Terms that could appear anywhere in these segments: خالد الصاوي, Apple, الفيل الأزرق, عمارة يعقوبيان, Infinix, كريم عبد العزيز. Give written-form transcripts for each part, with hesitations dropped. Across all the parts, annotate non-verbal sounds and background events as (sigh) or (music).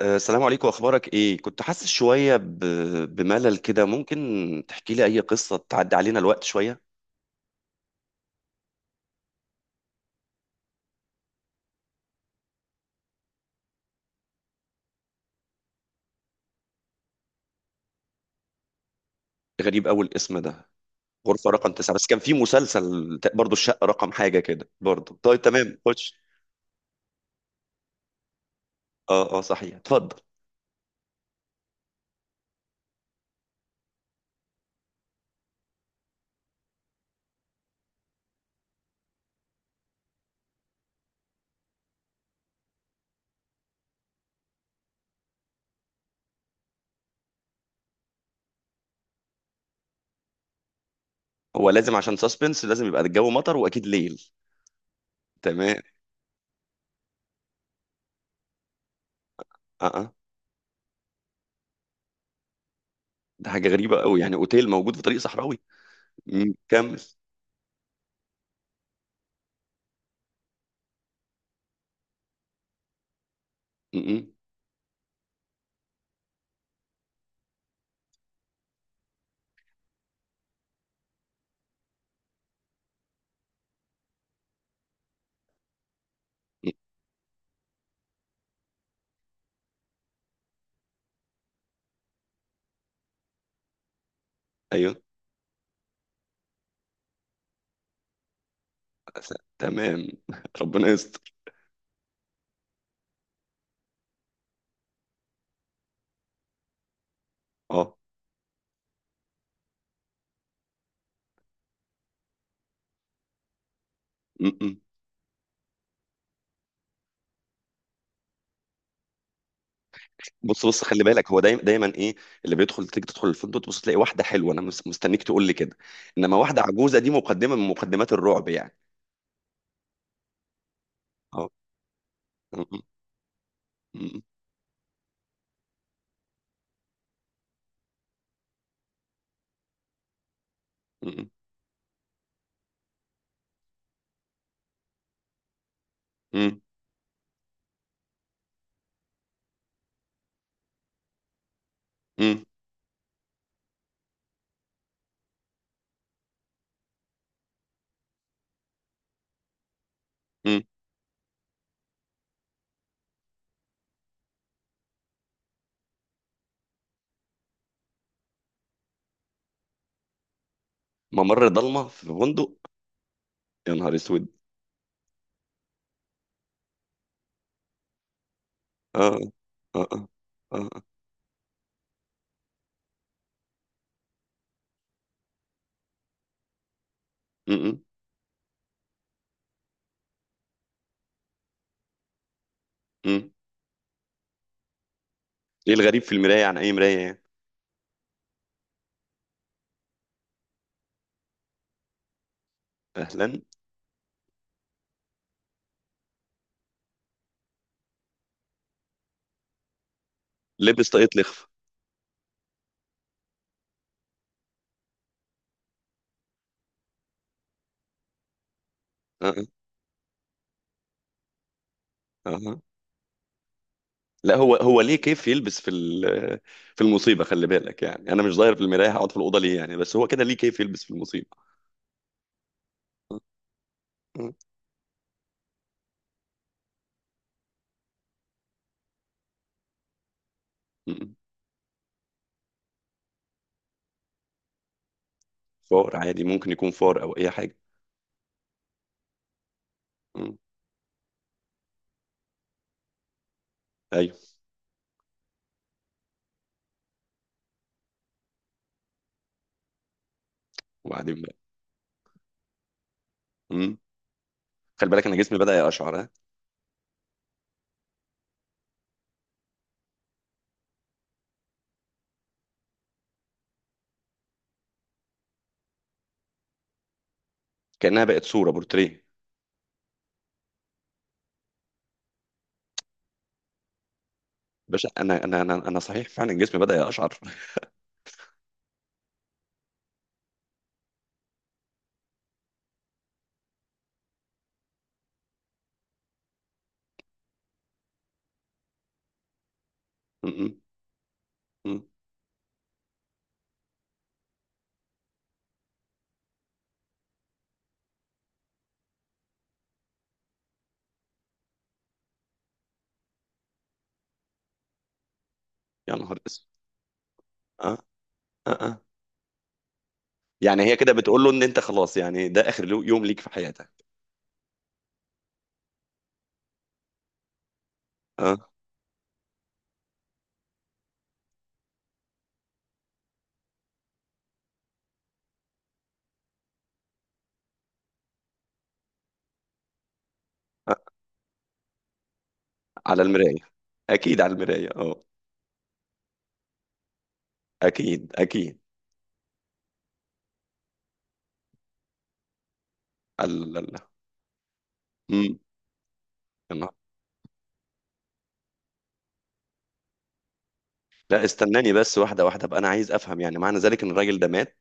السلام عليكم، اخبارك ايه؟ كنت حاسس شويه ب... بملل كده. ممكن تحكي لي اي قصه تعدي علينا الوقت شويه. غريب اول اسم ده. غرفه رقم تسعة، بس كان في مسلسل برضو الشقه رقم حاجه كده برضو. طيب تمام، خش. اه اه، صحيح، اتفضل. هو لازم عشان ساسبنس لازم يبقى الجو مطر واكيد ليل. تمام. اه اه، ده حاجه غريبه قوي يعني اوتيل موجود في طريق صحراوي. كمل. م -م. م، ايوه. تمام (laughs) ربنا يستر. اه. م -م. بص بص، خلي بالك، هو دايما ايه اللي بيدخل تيجي تدخل الفندق تبص تلاقي واحده حلوه، انا مستنيك تقول لي كده. انما واحده عجوزه دي مقدمه من مقدمات الرعب يعني. اه. ممر ضلمه في فندق! يا نهار اسود! اه اه. اه اه. م- م- م. ايه الغريب في المرايه عن اي مرايه يعني؟ اهلا. لبس طاقية لخف. اه اه. آه. آه. لا هو هو ليه كيف يلبس في في المصيبه؟ خلي بالك يعني انا مش ظاهر في المرايه هقعد في الاوضه ليه يعني؟ بس هو كده ليه كيف يلبس في المصيبه؟ مم. مم. فار عادي، ممكن يكون فار او اي حاجه. مم. ايوه. وبعدين بقى؟ مم. خلي بالك انا جسمي بدا يقشعر ها. كانها بقت صوره بورتريه. باشا انا صحيح فعلا جسمي بدا يقشعر (laughs) مم. مم. يا نهار اسود! اه اه. اه. يعني هي كده بتقول له ان انت خلاص يعني ده اخر يوم ليك في حياتك. اه. آه. على المرايه. اكيد على المرايه، اه. اكيد اكيد. الله الله. مم. يا نهار. لا استناني بس، واحده واحده بقى، انا عايز افهم. يعني معنى ذلك ان الراجل ده مات،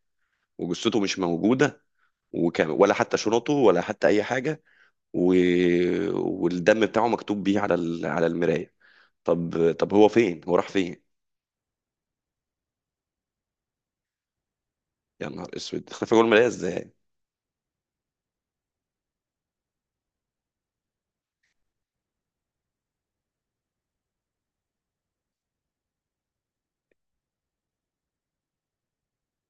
وجثته مش موجوده، وكام ولا حتى شنطه ولا حتى اي حاجه، و... والدم بتاعه مكتوب بيه على ال... على المرايه. طب طب، هو فين؟ هو راح فين؟ يا نهار اسود (laughs) اختفى جوه المرايه ازاي؟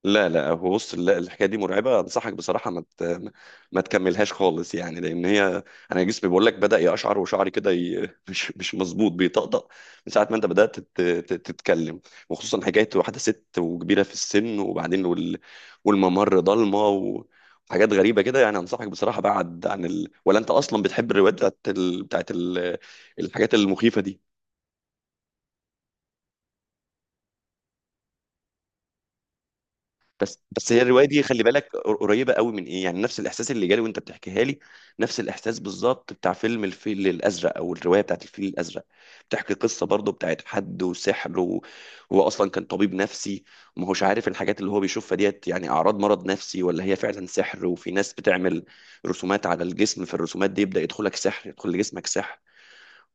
لا لا، هو بص، لا الحكايه دي مرعبه، انصحك بصراحه ما تكملهاش خالص يعني، لان هي، انا جسمي بيقول لك بدا يقشعر وشعري كده ي... (laughs) مش مش مظبوط بيطقطق من ساعه ما انت بدات تتكلم. وخصوصا حكايه واحده ست وكبيره في السن وبعدين وال... والممر ضلمه و... وحاجات غريبه كده يعني. انصحك بصراحه بعد عن ال... ولا انت اصلا بتحب الروايات بتاعت ال... بتاعت ال... الحاجات المخيفه دي؟ بس بس هي الروايه دي خلي بالك قريبه قوي من ايه يعني نفس الاحساس اللي جالي وانت بتحكيها لي. نفس الاحساس بالظبط بتاع فيلم الفيل الازرق، او الروايه بتاعت الفيل الازرق. بتحكي قصه برضه بتاعت حد وسحر، وهو اصلا كان طبيب نفسي، وما هوش عارف الحاجات اللي هو بيشوفها ديت يعني اعراض مرض نفسي ولا هي فعلا سحر. وفي ناس بتعمل رسومات على الجسم، في الرسومات دي يبدا يدخلك سحر، يدخل لجسمك سحر.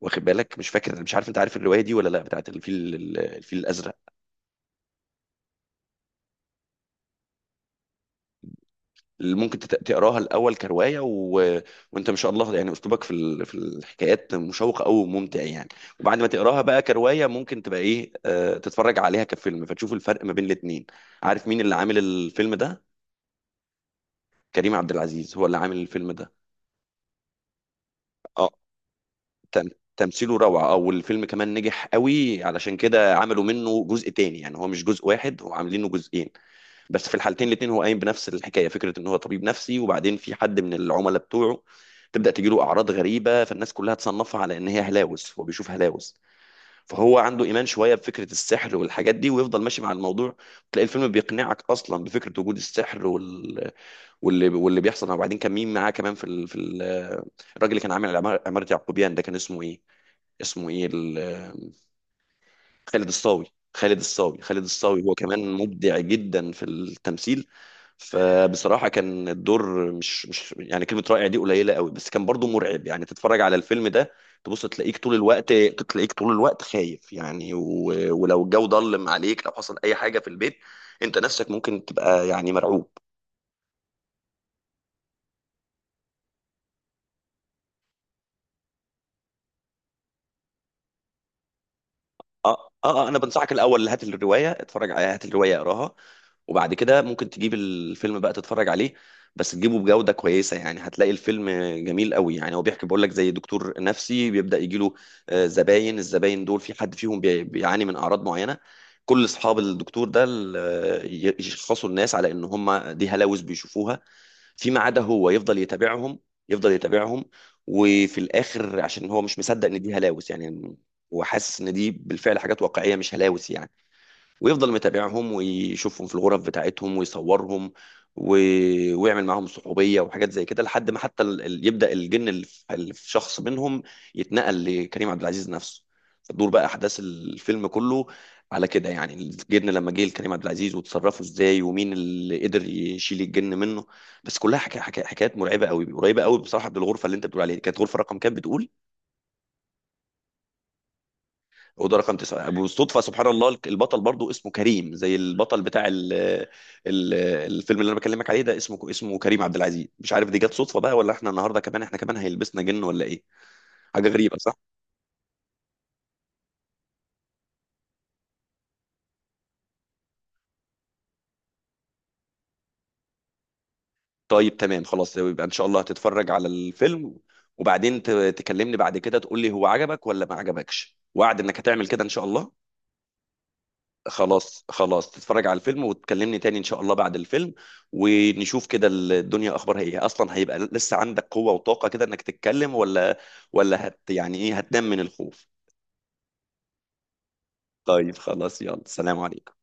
واخد بالك؟ مش فاكر مش عارف انت عارف الروايه دي ولا لا، بتاعت الفيل، الفيل الازرق. اللي ممكن تقراها الاول كروايه و... وانت ما شاء الله يعني اسلوبك في ال... في الحكايات مشوق قوي وممتع يعني. وبعد ما تقراها بقى كروايه ممكن تبقى ايه تتفرج عليها كفيلم، فتشوف الفرق ما بين الاتنين. عارف مين اللي عامل الفيلم ده؟ كريم عبد العزيز هو اللي عامل الفيلم ده. اه. تم... تمثيله روعه، او الفيلم كمان نجح قوي، علشان كده عملوا منه جزء تاني. يعني هو مش جزء واحد، هو عاملينه جزئين. بس في الحالتين الاتنين هو قايم بنفس الحكايه. فكره ان هو طبيب نفسي، وبعدين في حد من العملاء بتوعه تبدا تجيله اعراض غريبه، فالناس كلها تصنفها على ان هي هلاوس، هو بيشوف هلاوس. فهو عنده ايمان شويه بفكره السحر والحاجات دي، ويفضل ماشي مع الموضوع. تلاقي الفيلم بيقنعك اصلا بفكره وجود السحر وال... واللي واللي بيحصل. وبعدين كان مين معاه كمان في ال... في ال... الراجل اللي كان عامل عمارة عمارة يعقوبيان ده، كان اسمه ايه؟ اسمه ايه ال... خالد الصاوي. خالد الصاوي، خالد الصاوي، هو كمان مبدع جدا في التمثيل. فبصراحة كان الدور مش مش يعني، كلمة رائع دي قليلة قوي، بس كان برضو مرعب يعني. تتفرج على الفيلم ده تبص تلاقيك طول الوقت، تلاقيك طول الوقت خايف يعني و... ولو الجو ضلم عليك، لو حصل أي حاجة في البيت، أنت نفسك ممكن تبقى يعني مرعوب. اه اه. انا بنصحك الاول هات الروايه اتفرج عليها، هات الروايه اقراها، وبعد كده ممكن تجيب الفيلم بقى تتفرج عليه. بس تجيبه بجوده كويسه. يعني هتلاقي الفيلم جميل قوي. يعني هو بيحكي، بقول لك، زي دكتور نفسي بيبدا يجي له زباين، الزباين دول في حد فيهم بيعاني من اعراض معينه. كل اصحاب الدكتور ده يشخصوا الناس على ان هم دي هلاوس بيشوفوها، فيما عدا هو يفضل يتابعهم، يفضل يتابعهم. وفي الاخر عشان هو مش مصدق ان دي هلاوس يعني، هو حاسس ان دي بالفعل حاجات واقعيه مش هلاوس يعني. ويفضل متابعهم ويشوفهم في الغرف بتاعتهم ويصورهم و... ويعمل معاهم صحوبية وحاجات زي كده، لحد ما حتى ال... يبدأ الجن اللي في اللي في شخص منهم يتنقل لكريم عبد العزيز نفسه. فتدور بقى أحداث الفيلم كله على كده، يعني الجن لما جه لكريم عبد العزيز وتصرفوا ازاي، ومين اللي قدر يشيل الجن منه. بس كلها حكايات مرعبة قوي، قريبة قوي بصراحة بالغرفة اللي انت بتقول عليها. كانت غرفة رقم كام بتقول؟ اوضه رقم تسعه. بالصدفه سبحان الله، البطل برضو اسمه كريم، زي البطل بتاع ال، ال، الفيلم اللي انا بكلمك عليه ده اسمه اسمه كريم عبد العزيز. مش عارف دي جت صدفه بقى، ولا احنا النهارده كمان، احنا كمان هيلبسنا جن ولا ايه؟ حاجه غريبه، صح؟ طيب تمام خلاص، يبقى ان شاء الله هتتفرج على الفيلم، وبعدين تكلمني بعد كده تقول لي هو عجبك ولا ما عجبكش. وعد انك هتعمل كده ان شاء الله. خلاص خلاص، تتفرج على الفيلم وتكلمني تاني ان شاء الله بعد الفيلم. ونشوف كده الدنيا اخبارها ايه، اصلا هيبقى لسه عندك قوة وطاقة كده انك تتكلم، ولا ولا هت يعني ايه، هتنام من الخوف؟ طيب خلاص، يلا، سلام عليكم.